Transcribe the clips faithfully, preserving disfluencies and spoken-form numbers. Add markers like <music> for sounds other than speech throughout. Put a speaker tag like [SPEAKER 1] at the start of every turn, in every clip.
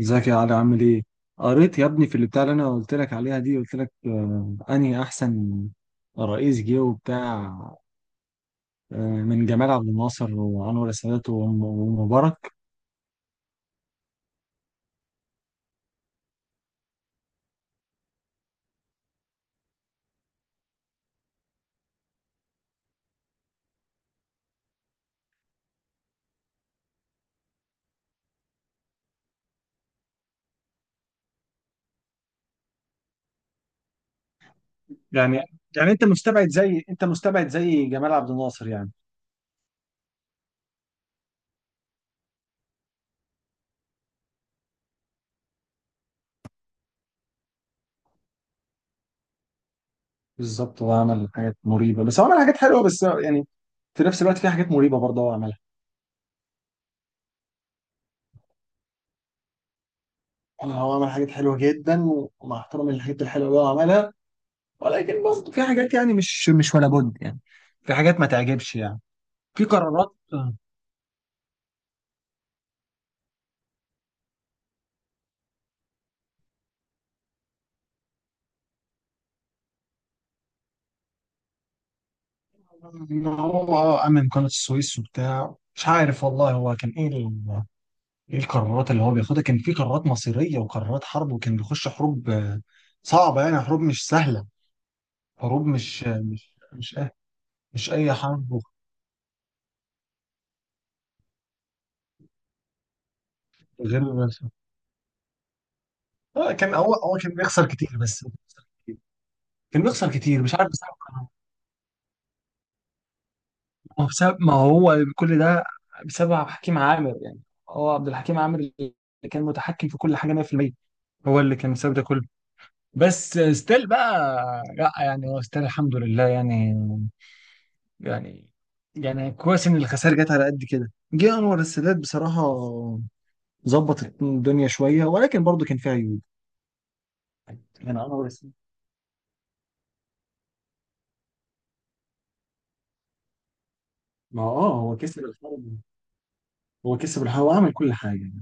[SPEAKER 1] ازيك يا علي؟ عامل ايه؟ قريت يا ابني في اللي بتاع اللي انا قلت لك عليها دي. قلت لك آه انهي احسن رئيس جه وبتاع. آه، من جمال عبد الناصر وانور السادات وم- ومبارك. يعني يعني انت مستبعد زي، انت مستبعد زي جمال عبد الناصر يعني؟ بالظبط، هو عمل حاجات مريبه بس هو عمل حاجات حلوه، بس يعني في نفس الوقت في حاجات مريبه برضه هو عملها. يعني هو عمل حاجات حلوه جدا، ومع احترامي للحاجات الحلوه اللي هو عملها، ولكن برضه في حاجات يعني مش مش ولا بد يعني. في حاجات ما تعجبش يعني. في قرارات، ان هو اه امن قناه السويس وبتاع. مش عارف والله هو كان ايه ال- ايه القرارات اللي هو بياخدها. كان في قرارات مصيريه وقرارات حرب، وكان بيخش حروب آه، صعبه يعني، حروب مش سهله. حروب مش آه، مش مش أه مش اي حرب. غير آه، كان هو هو كان بيخسر كتير. بس كان بيخسر كتير مش عارف بسبب قرارات. ما هو بسبب، ما هو كل ده بسبب عبد الحكيم عامر يعني. هو عبد الحكيم عامر اللي كان متحكم في كل حاجه مية بالمية. هو اللي كان بسبب ده كله. بس ستيل بقى، لا يعني هو ستيل الحمد لله يعني. يعني يعني كويس ان الخسائر جت على قد كده. جه انور السادات بصراحه، ظبط الدنيا شويه، ولكن برضه كان فيها عيوب. يعني انور السادات، ما هو اه هو كسب الحرب. هو كسب الحرب وعمل كل حاجة.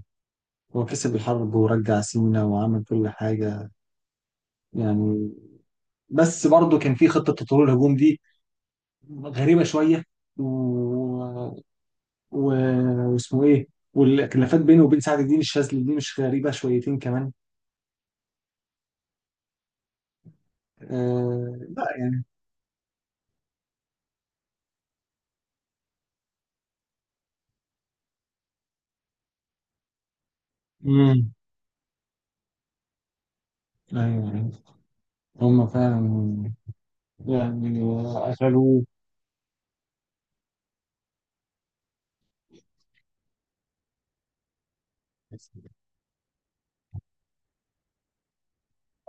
[SPEAKER 1] هو كسب الحرب ورجع سينا وعمل كل حاجة يعني. بس برضه كان في خطة تطوير الهجوم دي، غريبة شوية و... واسمه ايه، والخلافات بينه وبين سعد الدين الشاذلي دي مش غريبة شويتين كمان. آه لا يعني، امم، ايوه هم فعلا يعني قتلوه.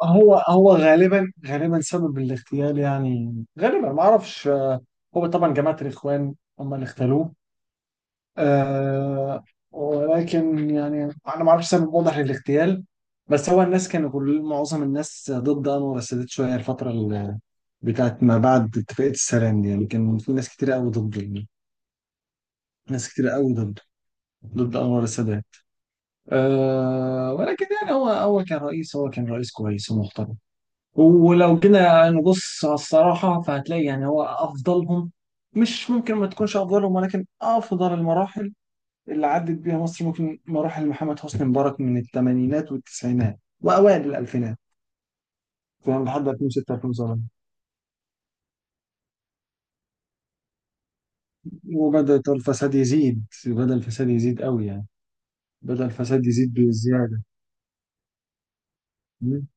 [SPEAKER 1] هو هو غالبا غالبا سبب الاغتيال يعني، غالبا ما اعرفش. هو طبعا جماعة الاخوان هم اللي اغتالوه. آه، ولكن يعني انا ما اعرفش سبب واضح للاغتيال. بس هو الناس كانوا، كل معظم الناس ضد انور السادات شويه الفتره ال- بتاعت ما بعد اتفاقيه السلام دي يعني. كان في ناس كتير قوي ضد، ناس كتير قوي ضد ضد انور السادات. آه، ولكن يعني هو هو كان رئيس، هو كان رئيس كويس ومحترم. ولو جينا نبص على الصراحه فهتلاقي يعني هو افضلهم. مش ممكن ما تكونش افضلهم. ولكن افضل المراحل اللي عدت بيها مصر ممكن مراحل محمد حسني مبارك من الثمانينات والتسعينات وأوائل الألفينات. فاهم، لحد الفين وست الفين وسبعة، وبدأ الفساد يزيد. بدأ الفساد يزيد قوي يعني، بدأ الفساد يزيد بزيادة. مم.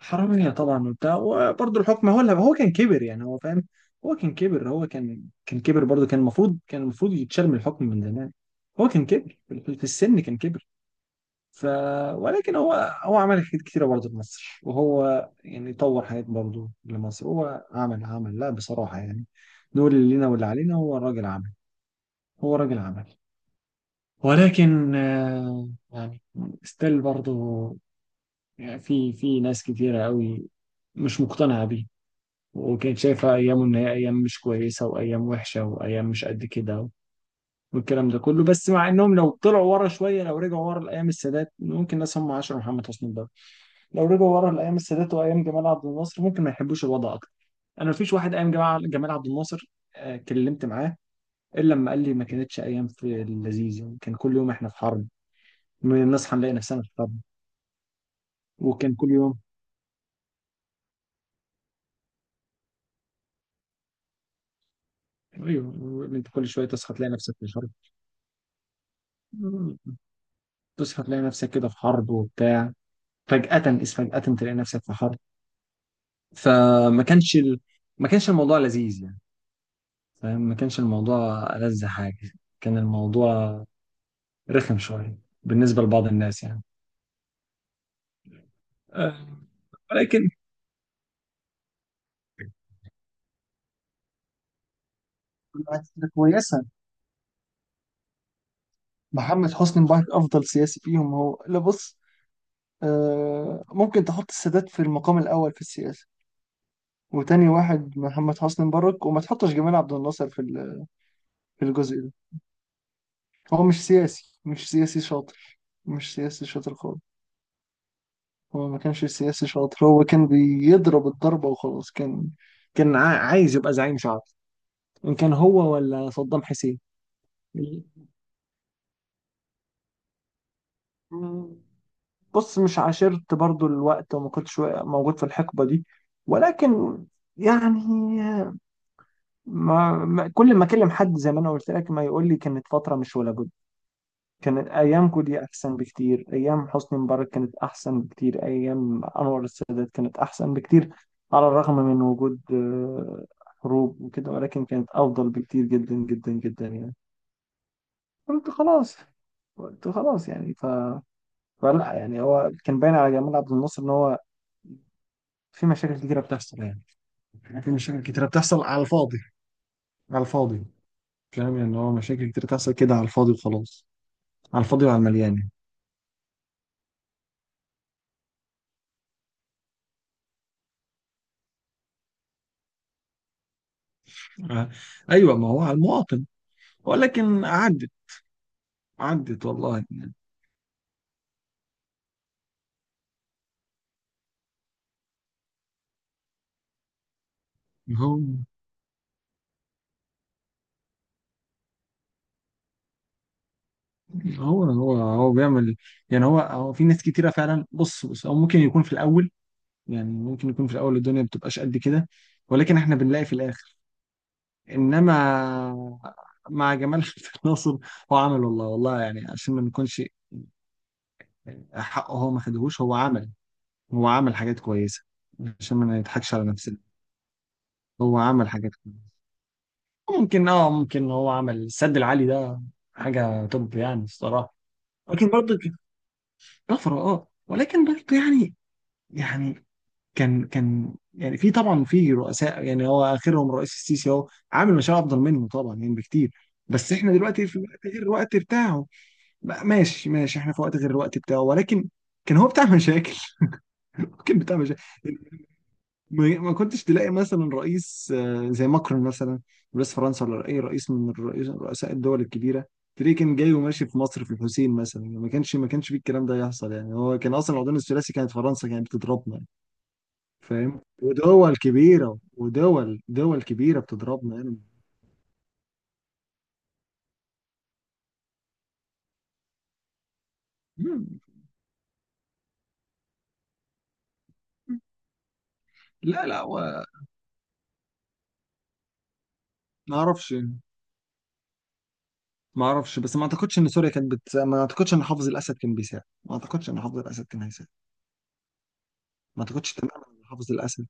[SPEAKER 1] حرامية طبعا وبتاع. وبرضه الحكم هو اللي، هو كان كبر يعني، هو فاهم، هو كان كبر، هو كان كان كبر برضه. كان المفروض، كان المفروض يتشال من الحكم من زمان. هو كان كبر في في السن، كان كبر. ف ولكن هو، هو عمل حاجات كتيرة برضه في مصر، وهو يعني طور حاجات برضه لمصر. هو عمل عمل لا بصراحة يعني، نقول اللي لينا واللي علينا. هو راجل عمل هو راجل عمل، ولكن آه، يعني ستيل برضه يعني، في في ناس كتيرة قوي مش مقتنعة بيه، وكانت شايفة أيامه إن هي أيام مش كويسة وأيام وحشة وأيام مش قد كده والكلام ده كله. بس مع إنهم لو طلعوا ورا شوية، لو رجعوا ورا لأيام السادات، ممكن ناس هم عاشروا محمد حسني ده لو رجعوا ورا لايام السادات وايام جمال عبد الناصر ممكن ما يحبوش الوضع اكتر. انا مفيش واحد ايام جمال جمال عبد الناصر آه، كلمت معاه الا لما قال لي ما كانتش ايام في اللذيذ يعني، كان كل يوم احنا في حرب. من نصحى نلاقي نفسنا في حرب، وكان كل يوم، ايوه انت كل شويه تصحى تلاقي نفسك في حرب. تصحى تلاقي نفسك كده في حرب وبتاع، فجأة إذ فجأة تلاقي نفسك في حرب. فما كانش ال... ما كانش الموضوع لذيذ يعني، فاهم؟ ما كانش الموضوع ألذ حاجة. كان الموضوع رخم شوية بالنسبة لبعض الناس يعني. آه، ولكن بالعكس ده كويسة، محمد حسني مبارك أفضل سياسي فيهم. هو لا بص، آه، ممكن تحط السادات في المقام الأول في السياسة، وتاني واحد محمد حسني مبارك، وما تحطش جمال عبد الناصر في ال- في الجزء ده. هو مش سياسي، مش سياسي شاطر مش سياسي شاطر خالص. هو ما كانش سياسي شاطر. هو كان بيضرب الضربة وخلاص. كان كان عا- عايز يبقى زعيم شعبي، إن كان هو ولا صدام حسين. بص، مش عاشرت برضو الوقت، وما كنتش موجود في الحقبة دي، ولكن يعني ما ما- كل ما اكلم حد زي ما انا قلت لك، ما يقول لي كانت فترة مش ولا بد. كانت ايامكم دي احسن بكتير. ايام حسني مبارك كانت احسن بكتير. ايام انور السادات كانت احسن بكتير، على الرغم من وجود آه، حروب وكده، ولكن كانت افضل بكتير جدا جدا جدا يعني. قلت خلاص قلت خلاص يعني، ف فلا يعني هو كان باين على جمال عبد الناصر ان هو في مشاكل كتيرة بتحصل يعني، في مشاكل كتيرة بتحصل على الفاضي، على الفاضي فاهم؟ يعني هو مشاكل كتيرة بتحصل كده على الفاضي وخلاص، على الفاضي وعلى المليان يعني. آه. أيوة، ما هو على المواطن. ولكن عدت، عدت والله يعني. هو هو هو هو بيعمل يعني. هو هو في ناس كتيرة فعلا. بص بص هو ممكن يكون في الأول يعني، ممكن يكون في الأول الدنيا ما بتبقاش قد كده، ولكن احنا بنلاقي في الآخر إنما مع جمال <laughs> عبد الناصر، هو عمل والله والله يعني، عشان ما نكونش، حقه هو ما خدهوش، هو عمل، هو عمل حاجات كويسة عشان ما نضحكش على نفسنا. هو عمل حاجات كويسة. ممكن اه ممكن هو عمل السد العالي ده حاجة توب يعني الصراحة. لكن برضه طفرة، اه، ولكن برضه يعني، يعني كان كان يعني في طبعا في رؤساء يعني، هو اخرهم الرئيس السيسي اهو عامل مشاريع افضل منه طبعا يعني بكتير. بس احنا دلوقتي في وقت غير الوقت بتاعه بقى. ماشي ماشي احنا في وقت غير الوقت بتاعه. ولكن كان هو بتاع مشاكل. <laughs> كان بتاع مشاكل. ما ما كنتش تلاقي مثلا رئيس آه، زي ماكرون مثلا، رئيس فرنسا، ولا اي رئيس من الرئيس رؤساء الدول الكبيره، تلاقيه كان جاي وماشي في مصر في الحسين مثلا يعني. ما كانش ما كانش فيه الكلام ده يحصل يعني. هو كان اصلا العدوان الثلاثي، كانت فرنسا كانت بتضربنا يعني، فاهم؟ ودول كبيره، ودول دول كبيره بتضربنا يعني. مم. لا لا و... ما اعرفش يعني، ما اعرفش. بس ما اعتقدش ان سوريا كانت بت... ما اعتقدش ان حافظ الاسد كان بيساعد. ما اعتقدش ان حافظ الاسد كان هيساعد. ما اعتقدش تماما ان حافظ الاسد،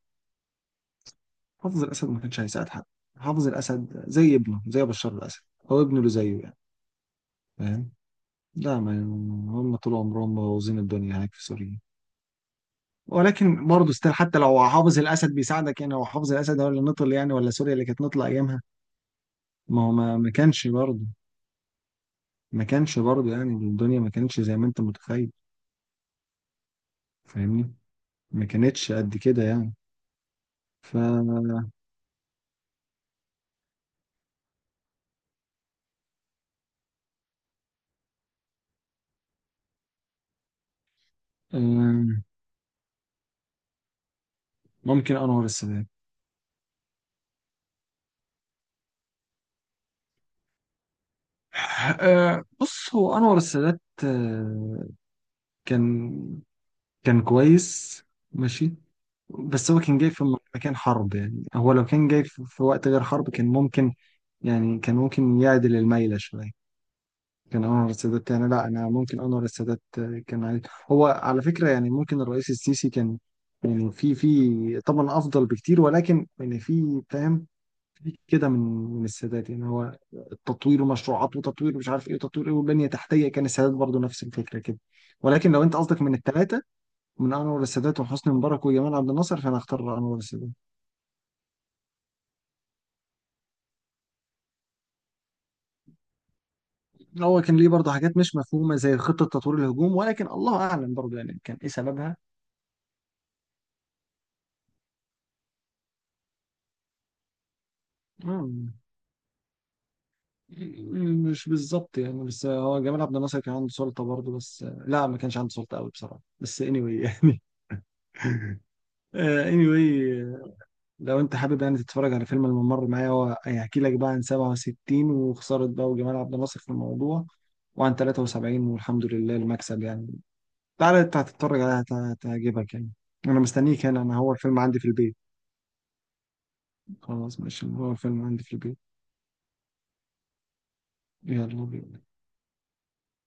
[SPEAKER 1] حافظ الاسد ما كانش هيساعد حد. حافظ الاسد زي ابنه، زي بشار الاسد. هو ابنه اللي زيه يعني، فاهم؟ لا ما، هم طول عمرهم مبوظين الدنيا هناك في سوريا. ولكن برضه ستيل، حتى لو حافظ الاسد بيساعدك يعني، هو حافظ الاسد هو اللي نطل يعني؟ ولا سوريا اللي كانت نطلة ايامها؟ ما هو ما ما كانش برضه، ما كانش برضه يعني الدنيا ما كانتش زي ما انت متخيل، فاهمني؟ ما كانتش قد كده يعني. ف آم، ممكن انور السادات. آه، بص هو انور السادات، آه، كان، كان كويس، ماشي. بس هو كان جاي في م- مكان حرب يعني. هو لو كان جاي في في وقت غير حرب كان ممكن يعني، كان ممكن يعدل الميلة شوية. كان أنور السادات يعني لا أنا ممكن أنور السادات كان عايز، هو على فكرة يعني ممكن الرئيس السيسي كان يعني في في طبعا أفضل بكتير، ولكن يعني في فاهم في كده من، من السادات يعني. هو التطوير ومشروعات وتطوير مش عارف إيه وتطوير إيه وبنية تحتية، كان السادات برضو نفس الفكرة كده. ولكن لو أنت قصدك من الثلاثة، من انور السادات وحسني مبارك وجمال عبد الناصر، فانا اختار انور السادات. هو كان ليه برضه حاجات مش مفهومه زي خطه تطوير الهجوم، ولكن الله اعلم برضه يعني كان ايه سببها. مم. مش بالظبط يعني. بس هو جمال عبد الناصر كان عنده سلطه برضه، بس لا ما كانش عنده سلطه قوي بصراحه، بس anyway يعني. <laughs> آه، anyway، لو انت حابب يعني تتفرج على فيلم الممر معايا، هو هيحكي لك بقى عن سبعة وستين وخساره بقى وجمال عبد الناصر في الموضوع، وعن تلاتة وسبعين والحمد لله المكسب يعني. تعالى انت هتتفرج عليها هت- هتعجبك يعني. انا مستنيك هنا، انا هو الفيلم عندي في البيت. خلاص ماشي، هو الفيلم عندي في البيت. يلا بينا.